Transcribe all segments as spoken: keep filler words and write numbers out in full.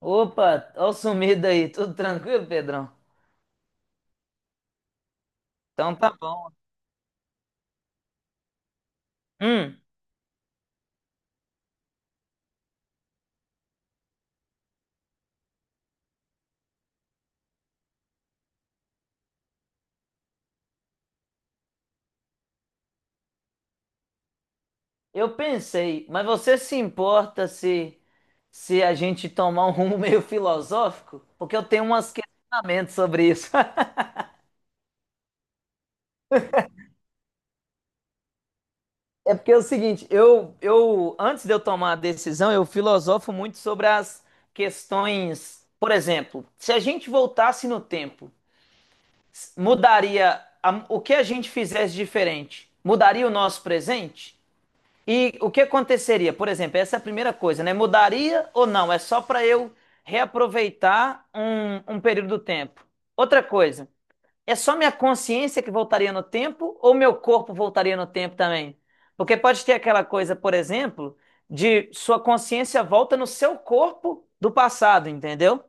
Opa, ó o sumido aí, tudo tranquilo, Pedrão? Então tá bom. Hum, eu pensei, mas você se importa se se a gente tomar um rumo meio filosófico? Porque eu tenho uns questionamentos sobre isso. É porque é o seguinte, eu, eu antes de eu tomar a decisão, eu filosofo muito sobre as questões. Por exemplo, se a gente voltasse no tempo, s- mudaria a- o que a gente fizesse diferente? Mudaria o nosso presente? E o que aconteceria? Por exemplo, essa é a primeira coisa, né? Mudaria ou não? É só para eu reaproveitar um, um período do tempo. Outra coisa, é só minha consciência que voltaria no tempo ou meu corpo voltaria no tempo também? Porque pode ter aquela coisa, por exemplo, de sua consciência volta no seu corpo do passado, entendeu?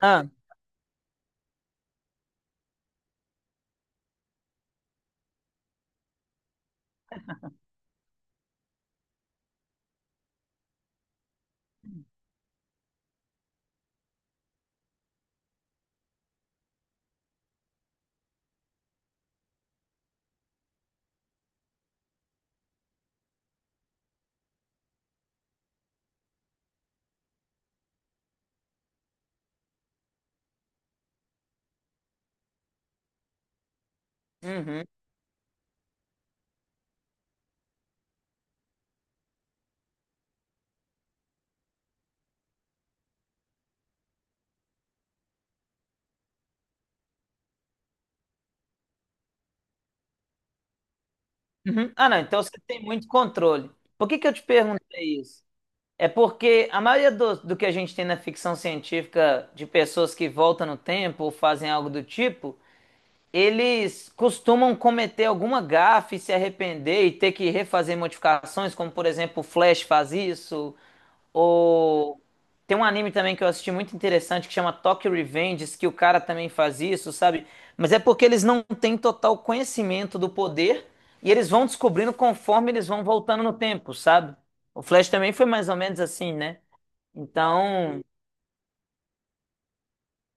Ah, uhum, uhum. Ah, não, então você tem muito controle. Por que que eu te perguntei isso? É porque a maioria do, do que a gente tem na ficção científica de pessoas que voltam no tempo ou fazem algo do tipo, eles costumam cometer alguma gafe, e se arrepender e ter que refazer modificações, como por exemplo o Flash faz isso, ou tem um anime também que eu assisti muito interessante que chama Tokyo Revengers, que o cara também faz isso, sabe? Mas é porque eles não têm total conhecimento do poder e eles vão descobrindo conforme eles vão voltando no tempo, sabe? O Flash também foi mais ou menos assim, né? Então,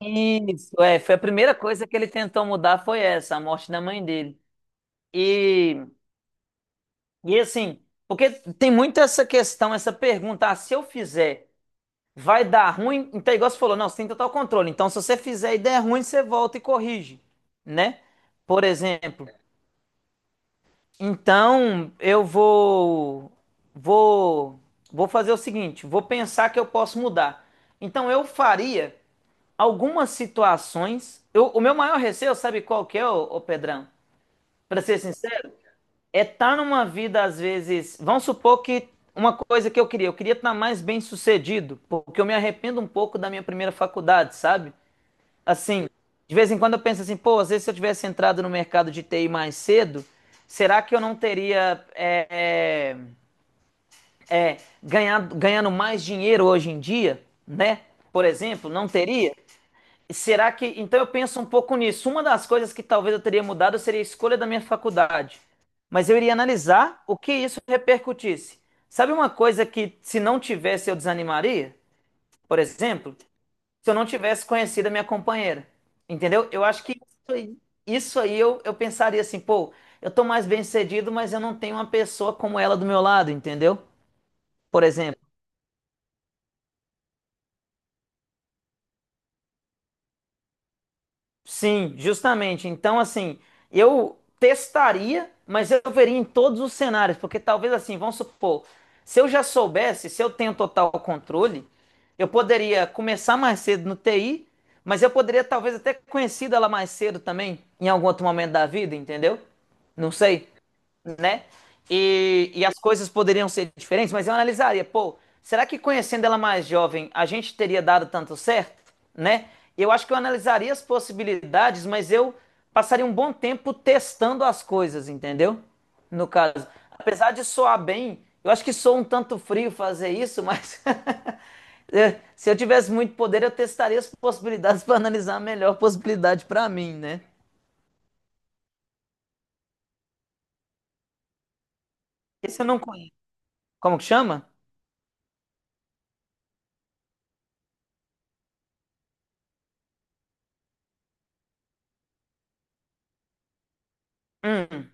isso, é, foi a primeira coisa que ele tentou mudar foi essa, a morte da mãe dele. E, e assim, porque tem muito essa questão, essa pergunta, ah, se eu fizer, vai dar ruim? Então, igual você falou, não, você tem total controle. Então, se você fizer e der ruim, você volta e corrige, né? Por exemplo. Então, eu vou vou vou fazer o seguinte, vou pensar que eu posso mudar. Então, eu faria algumas situações. Eu- o meu maior receio, sabe qual que é, ô, ô Pedrão? Pra ser sincero, é estar numa vida, às vezes. Vamos supor que uma coisa que eu queria, eu queria estar mais bem sucedido, porque eu me arrependo um pouco da minha primeira faculdade, sabe? Assim, de vez em quando eu penso assim, pô, às vezes se eu tivesse entrado no mercado de T I mais cedo, será que eu não teria é, é, é, ganhado, ganhando mais dinheiro hoje em dia, né? Por exemplo, não teria? Será que. Então eu penso um pouco nisso. Uma das coisas que talvez eu teria mudado seria a escolha da minha faculdade. Mas eu iria analisar o que isso repercutisse. Sabe uma coisa que, se não tivesse, eu desanimaria? Por exemplo, se eu não tivesse conhecido a minha companheira. Entendeu? Eu acho que isso aí, isso aí eu, eu pensaria assim, pô, eu tô mais bem-sucedido, mas eu não tenho uma pessoa como ela do meu lado, entendeu? Por exemplo. Sim, justamente. Então, assim, eu testaria, mas eu veria em todos os cenários, porque talvez assim, vamos supor, se eu já soubesse, se eu tenho total controle, eu poderia começar mais cedo no T I, mas eu poderia talvez até conhecer ela mais cedo também, em algum outro momento da vida, entendeu? Não sei, né? E, e as coisas poderiam ser diferentes, mas eu analisaria, pô, será que conhecendo ela mais jovem, a gente teria dado tanto certo, né? Eu acho que eu analisaria as possibilidades, mas eu passaria um bom tempo testando as coisas, entendeu? No caso, apesar de soar bem, eu acho que sou um tanto frio fazer isso, mas é, se eu tivesse muito poder, eu testaria as possibilidades para analisar a melhor possibilidade para mim, né? Esse eu não conheço. Como que chama? Hum,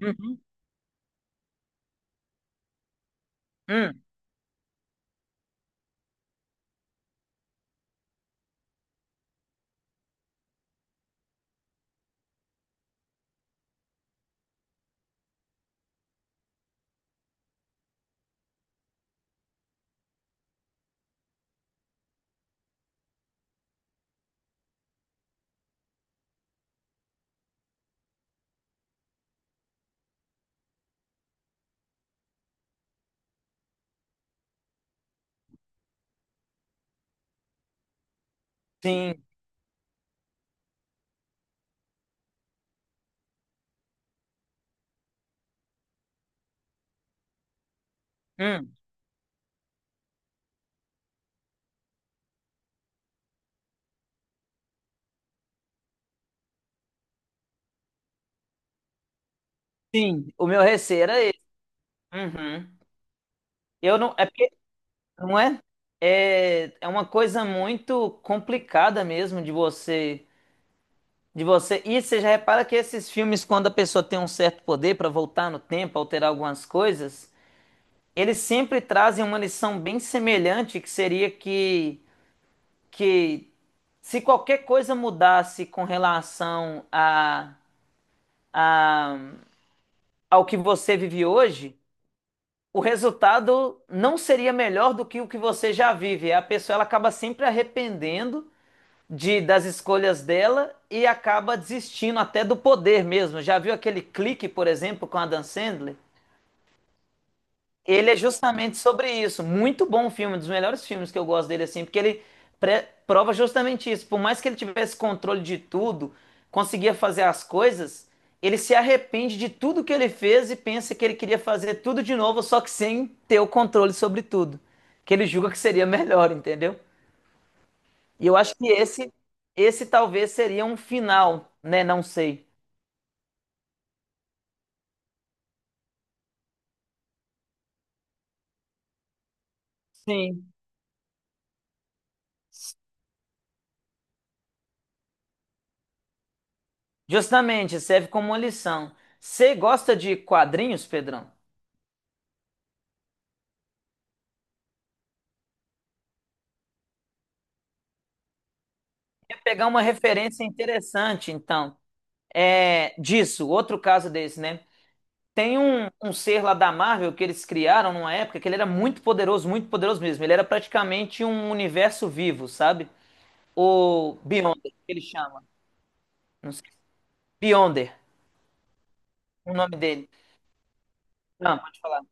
hum, hum. Sim, hum, sim, o meu receio era esse. Uhum. Eu não, é porque, não é, é, é uma coisa muito complicada mesmo de você, de você. E você já repara que esses filmes, quando a pessoa tem um certo poder para voltar no tempo, alterar algumas coisas, eles sempre trazem uma lição bem semelhante, que seria que, que se qualquer coisa mudasse com relação a, a, ao que você vive hoje, o resultado não seria melhor do que o que você já vive. A pessoa ela acaba sempre arrependendo de das escolhas dela e acaba desistindo até do poder mesmo. Já viu aquele clique, por exemplo, com a Adam Sandler? Ele é justamente sobre isso. Muito bom filme, um dos melhores filmes que eu gosto dele, assim, porque ele pre- prova justamente isso. Por mais que ele tivesse controle de tudo, conseguia fazer as coisas, ele se arrepende de tudo que ele fez e pensa que ele queria fazer tudo de novo, só que sem ter o controle sobre tudo. Que ele julga que seria melhor, entendeu? E eu acho que esse, esse talvez seria um final, né? Não sei. Sim. Justamente, serve como uma lição. Você gosta de quadrinhos, Pedrão? Pegar uma referência interessante, então, é, disso, outro caso desse, né? Tem um, um ser lá da Marvel que eles criaram numa época que ele era muito poderoso, muito poderoso mesmo. Ele era praticamente um universo vivo, sabe? O Beyonder, que ele chama. Não sei. Beyonder, o nome dele. Não, pode falar.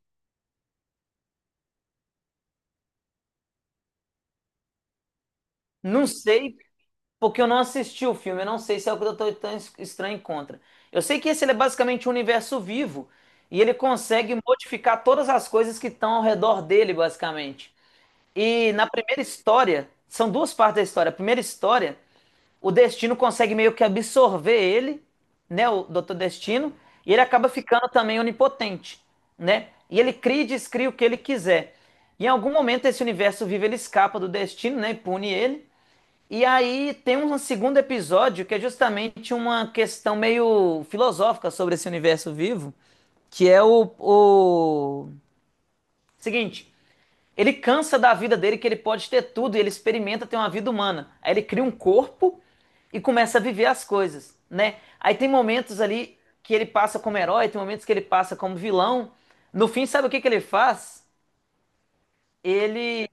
Não sei, porque eu não assisti o filme. Eu não sei se é o que eu tô tão estranho contra. Eu sei que esse ele é basicamente um universo vivo. E ele consegue modificar todas as coisas que estão ao redor dele, basicamente. E na primeira história, são duas partes da história. A primeira história, o Destino consegue meio que absorver ele, né, o doutor Destino, e ele acaba ficando também onipotente, né? E ele cria e descria o que ele quiser. E em algum momento esse universo vivo ele escapa do Destino, né, e pune ele. E aí tem um segundo episódio que é justamente uma questão meio filosófica sobre esse universo vivo, que é o, o seguinte, ele cansa da vida dele, que ele pode ter tudo, e ele experimenta ter uma vida humana. Aí ele cria um corpo e começa a viver as coisas, né? Aí tem momentos ali que ele passa como herói, tem momentos que ele passa como vilão. No fim, sabe o que que ele faz? Ele.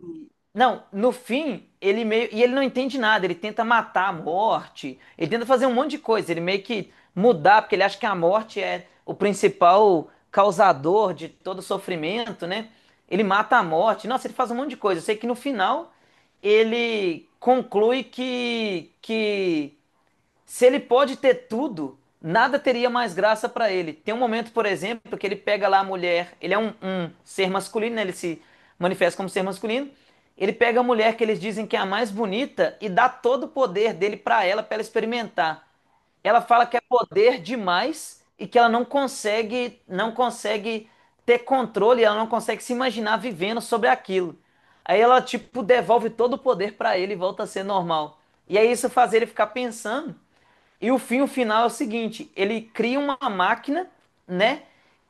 Não, no fim, ele meio. E ele não entende nada, ele tenta matar a morte, ele tenta fazer um monte de coisa, ele meio que mudar, porque ele acha que a morte é o principal causador de todo sofrimento, né? Ele mata a morte. Nossa, ele faz um monte de coisa. Eu sei que no final ele conclui que, que se ele pode ter tudo, nada teria mais graça para ele. Tem um momento, por exemplo, que ele pega lá a mulher, ele é um, um ser masculino, né? Ele se manifesta como ser masculino. Ele pega a mulher que eles dizem que é a mais bonita e dá todo o poder dele para ela, para ela experimentar. Ela fala que é poder demais e que ela não consegue, não consegue ter controle, ela não consegue se imaginar vivendo sobre aquilo. Aí ela tipo devolve todo o poder para ele e volta a ser normal. E aí isso faz ele ficar pensando e o fim, o final é o seguinte: ele cria uma máquina, né?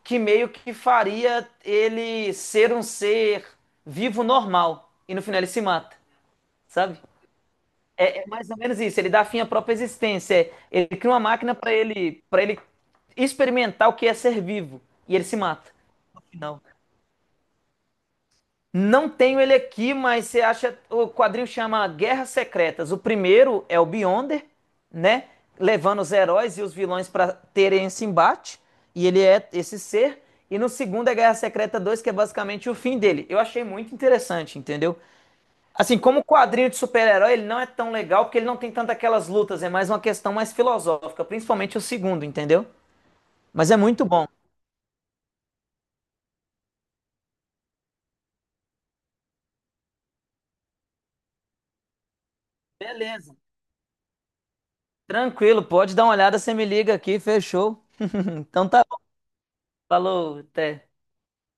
Que meio que faria ele ser um ser vivo normal. E no final ele se mata, sabe? É, é mais ou menos isso. Ele dá fim à própria existência. É, ele cria uma máquina para ele, para ele experimentar o que é ser vivo. E ele se mata no final. Não tenho ele aqui, mas você acha. O quadrinho chama Guerras Secretas. O primeiro é o Beyonder, né? Levando os heróis e os vilões para terem esse embate. E ele é esse ser. E no segundo é Guerra Secreta Dois, que é basicamente o fim dele. Eu achei muito interessante, entendeu? Assim, como quadrinho de super-herói, ele não é tão legal porque ele não tem tanto aquelas lutas. É mais uma questão mais filosófica, principalmente o segundo, entendeu? Mas é muito bom. Beleza. Tranquilo, pode dar uma olhada, você me liga aqui, fechou. Então tá. Falou, até.